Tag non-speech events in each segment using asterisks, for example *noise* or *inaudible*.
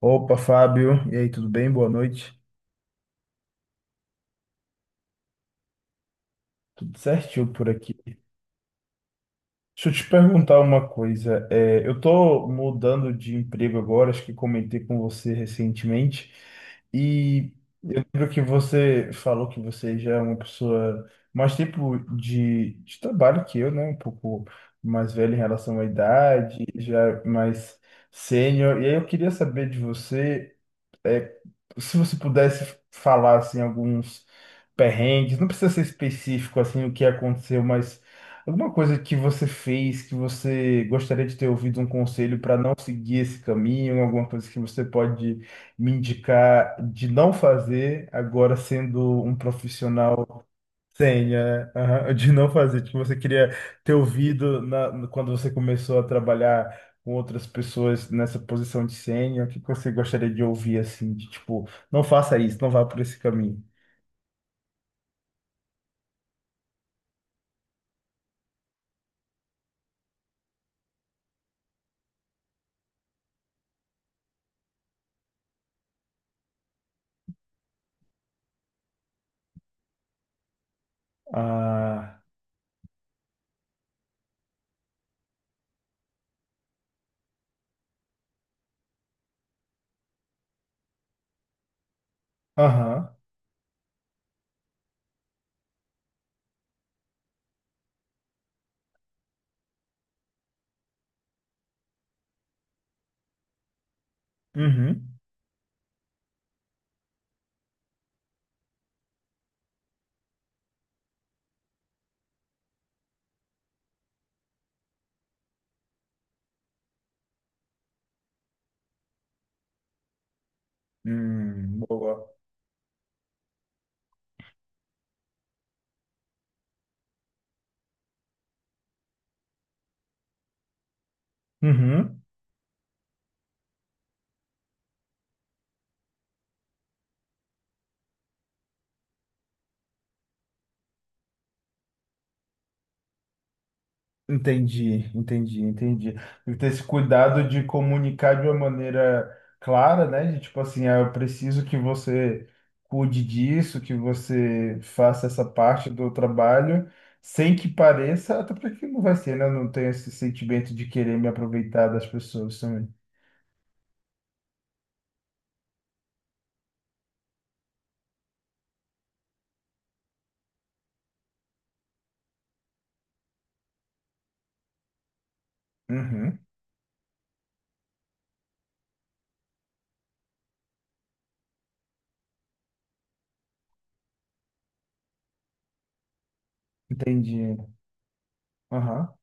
Opa, Fábio. E aí, tudo bem? Boa noite. Tudo certinho por aqui. Deixa eu te perguntar uma coisa. Eu tô mudando de emprego agora, acho que comentei com você recentemente. E lembro que você falou que você já é uma pessoa mais tempo de trabalho que eu, né? Um pouco mais velha em relação à idade, já mais sênior. E aí eu queria saber de você. é, Se você pudesse falar assim alguns perrengues, não precisa ser específico assim o que aconteceu, mas alguma coisa que você fez que você gostaria de ter ouvido um conselho para não seguir esse caminho, alguma coisa que você pode me indicar de não fazer agora sendo um profissional Senha, né? Aham. De não fazer. Tipo, você queria ter ouvido na, no- quando você começou a trabalhar com outras pessoas nessa posição de senha, o que que você gostaria de ouvir, assim, de tipo, não faça isso, não vá por esse caminho. Ah, aham, uhum, boa. Uhum. Entendi, entendi, entendi. Tem que ter esse cuidado de comunicar de uma maneira clara, né? De tipo assim, ah, eu preciso que você cuide disso, que você faça essa parte do trabalho, sem que pareça, até porque não vai ser, né? Eu não tenho esse sentimento de querer me aproveitar das pessoas também. Uhum, entendi. Aham,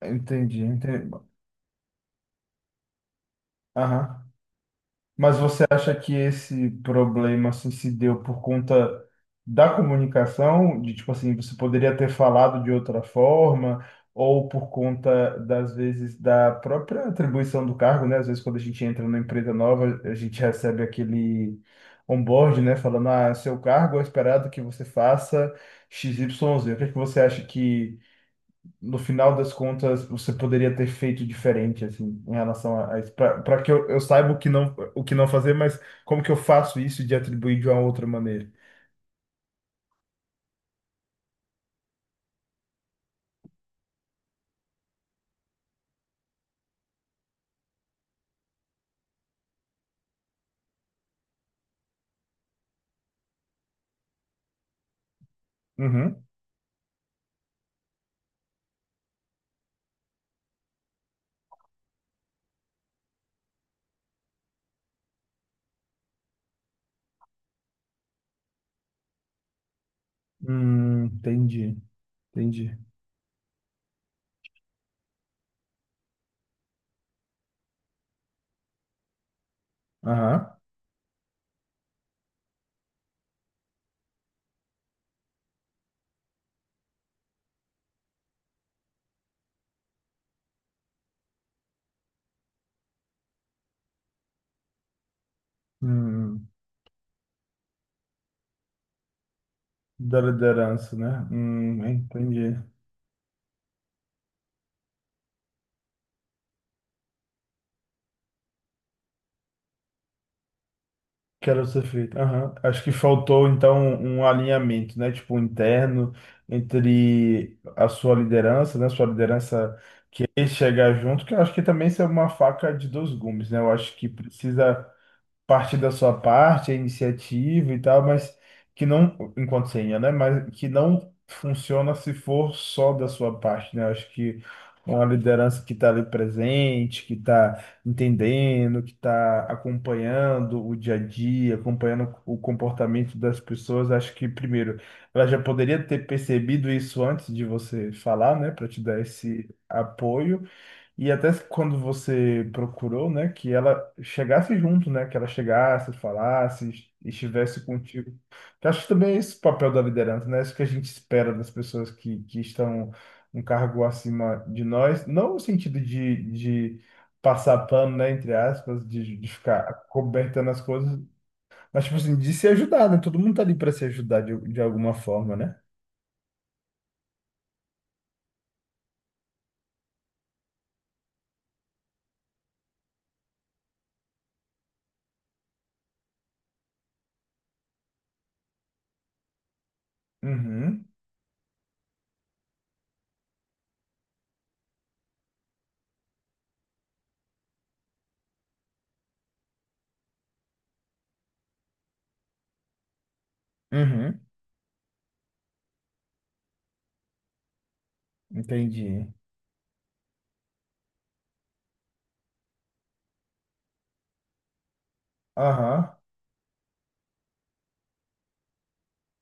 entendi, entendi. Aham. Mas você acha que esse problema assim se deu por conta da comunicação, de tipo assim, você poderia ter falado de outra forma, ou por conta das vezes da própria atribuição do cargo, né? Às vezes quando a gente entra numa empresa nova, a gente recebe aquele onboard, né, falando, ah, seu cargo é esperado que você faça XYZ. O que é que você acha que no final das contas você poderia ter feito diferente, assim, em relação a isso, para que eu saiba o que não fazer, mas como que eu faço isso de atribuir de uma outra maneira? Uhum. Entendi, entendi. Aham. Hum, da liderança, né? Entendi. Quero ser feito. Aham. Acho que faltou então um alinhamento, né? Tipo, interno entre a sua liderança, né? Sua liderança querer chegar junto, que eu acho que também isso é uma faca de dois gumes, né? Eu acho que precisa parte da sua parte, a iniciativa e tal, mas que não, enquanto senha, né? Mas que não funciona se for só da sua parte, né? Acho que uma liderança que está ali presente, que está entendendo, que está acompanhando o dia a dia, acompanhando o comportamento das pessoas, acho que primeiro ela já poderia ter percebido isso antes de você falar, né? Para te dar esse apoio. E até quando você procurou, né, que ela chegasse junto, né, que ela chegasse, falasse, estivesse contigo. Que acho que também é esse o papel da liderança, né. É isso que a gente espera das pessoas que estão um cargo acima de nós, não no sentido de passar pano, né, entre aspas, de ficar cobertando as coisas, mas tipo assim, de se ajudar, né, todo mundo tá ali para se ajudar de alguma forma, né? Uhum, uhum, entendi. Aham.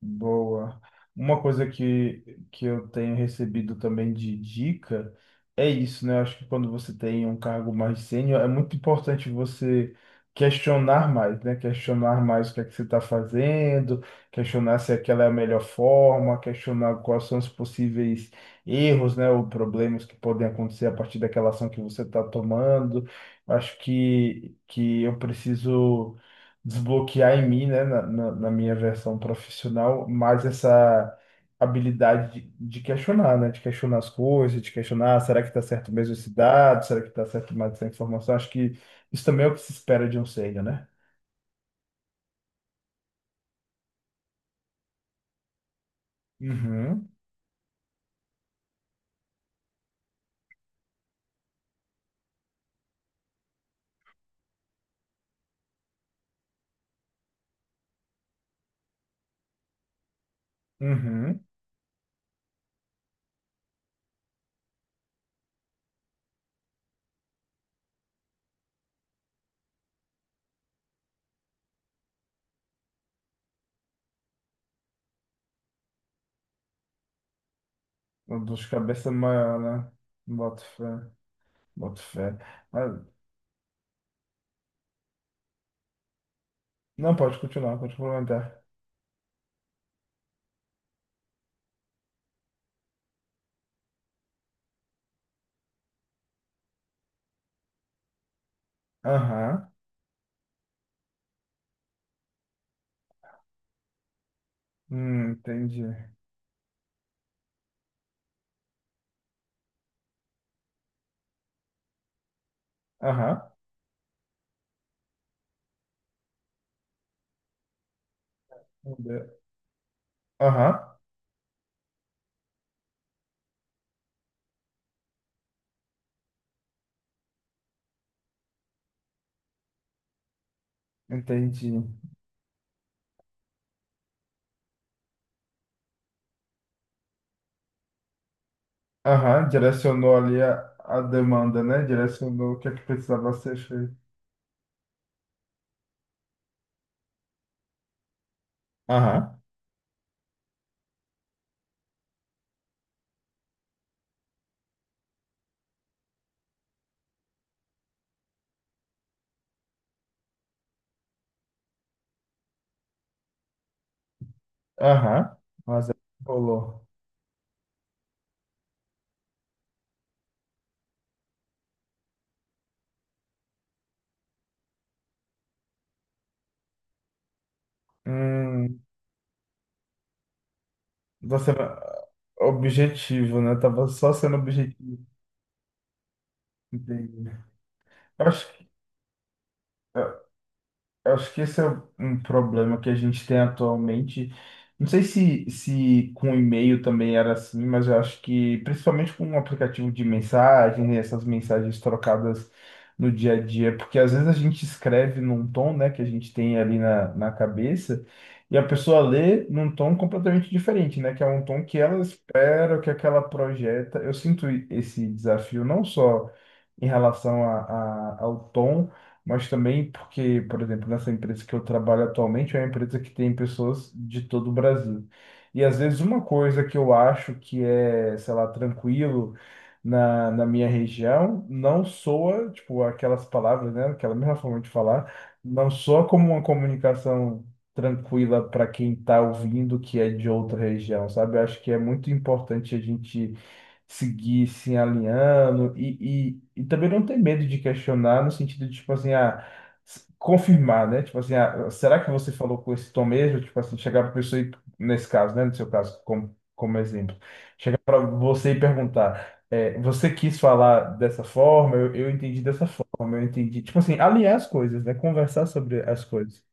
Boa. Uma coisa que eu tenho recebido também de dica é isso, né? Eu acho que quando você tem um cargo mais sênior, é muito importante você questionar mais, né? Questionar mais o que é que você está fazendo, questionar se aquela é a melhor forma, questionar quais são os possíveis erros, né? Ou problemas que podem acontecer a partir daquela ação que você está tomando. Eu acho que eu preciso desbloquear em mim, né, na minha versão profissional, mais essa habilidade de questionar, né, de questionar as coisas, de questionar, "Ah, será que está certo mesmo esse dado? Será que está certo mais essa informação? Acho que isso também é o que se espera de um sênior, né? Uhum, uhum. Uma dor de cabeça maior, né? Boto fé, boto fé. Mas, não, pode continuar, pode complementar. Aham, entendi. Aham, Meu Deus. Aham, entendi. Aham, direcionou ali a demanda, né? Direcionou o que é que precisava ser feito. Aham, aham, mas aí rolou. Hum, você, objetivo, né? Tava só sendo objetivo. Entendi. Eu acho que. Eu acho que esse é um problema que a gente tem atualmente. Não sei se, se com e-mail também era assim, mas eu acho que principalmente com um aplicativo de mensagem, essas mensagens trocadas no dia a dia, porque às vezes a gente escreve num tom, né, que a gente tem ali na cabeça, e a pessoa lê num tom completamente diferente, né, que é um tom que ela espera, que aquela projeta. Eu sinto esse desafio não só em relação ao tom, mas também porque, por exemplo, nessa empresa que eu trabalho atualmente é uma empresa que tem pessoas de todo o Brasil. E às vezes uma coisa que eu acho que é, sei lá, tranquilo na minha região, não soa, tipo, aquelas palavras, né, aquela mesma forma de falar, não soa como uma comunicação tranquila para quem está ouvindo que é de outra região, sabe? Eu acho que é muito importante a gente seguir se alinhando e também não ter medo de questionar no sentido de, tipo assim, ah, confirmar, né? Tipo assim, ah, será que você falou com esse tom mesmo? Tipo assim, chegar para pessoa e, nesse caso, né? No seu caso, como, como exemplo, chegar para você e perguntar, é, você quis falar dessa forma? Eu entendi dessa forma, eu entendi. Tipo assim, alinhar as coisas, né? Conversar sobre as coisas.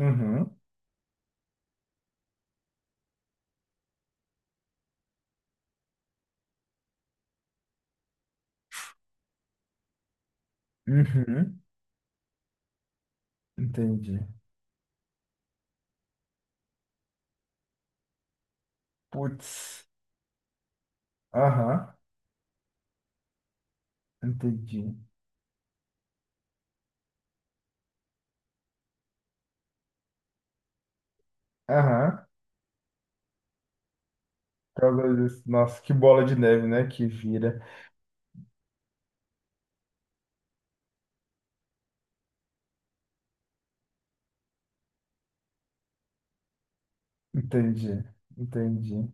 Uhum, uhum, entendi. Putz, aham, entendi. Aham. Causa disso. Nossa, que bola de neve, né? Que vira. Entendi, entendi.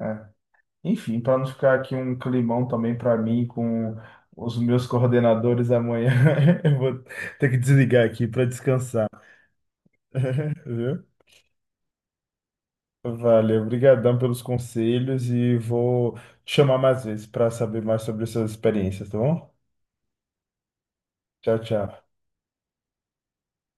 É. Enfim, para não ficar aqui um climão também para mim com os meus coordenadores amanhã, *laughs* eu vou ter que desligar aqui para descansar. *laughs* Viu? Valeu, obrigadão pelos conselhos e vou te chamar mais vezes para saber mais sobre essas experiências, tá bom? Tchau, tchau.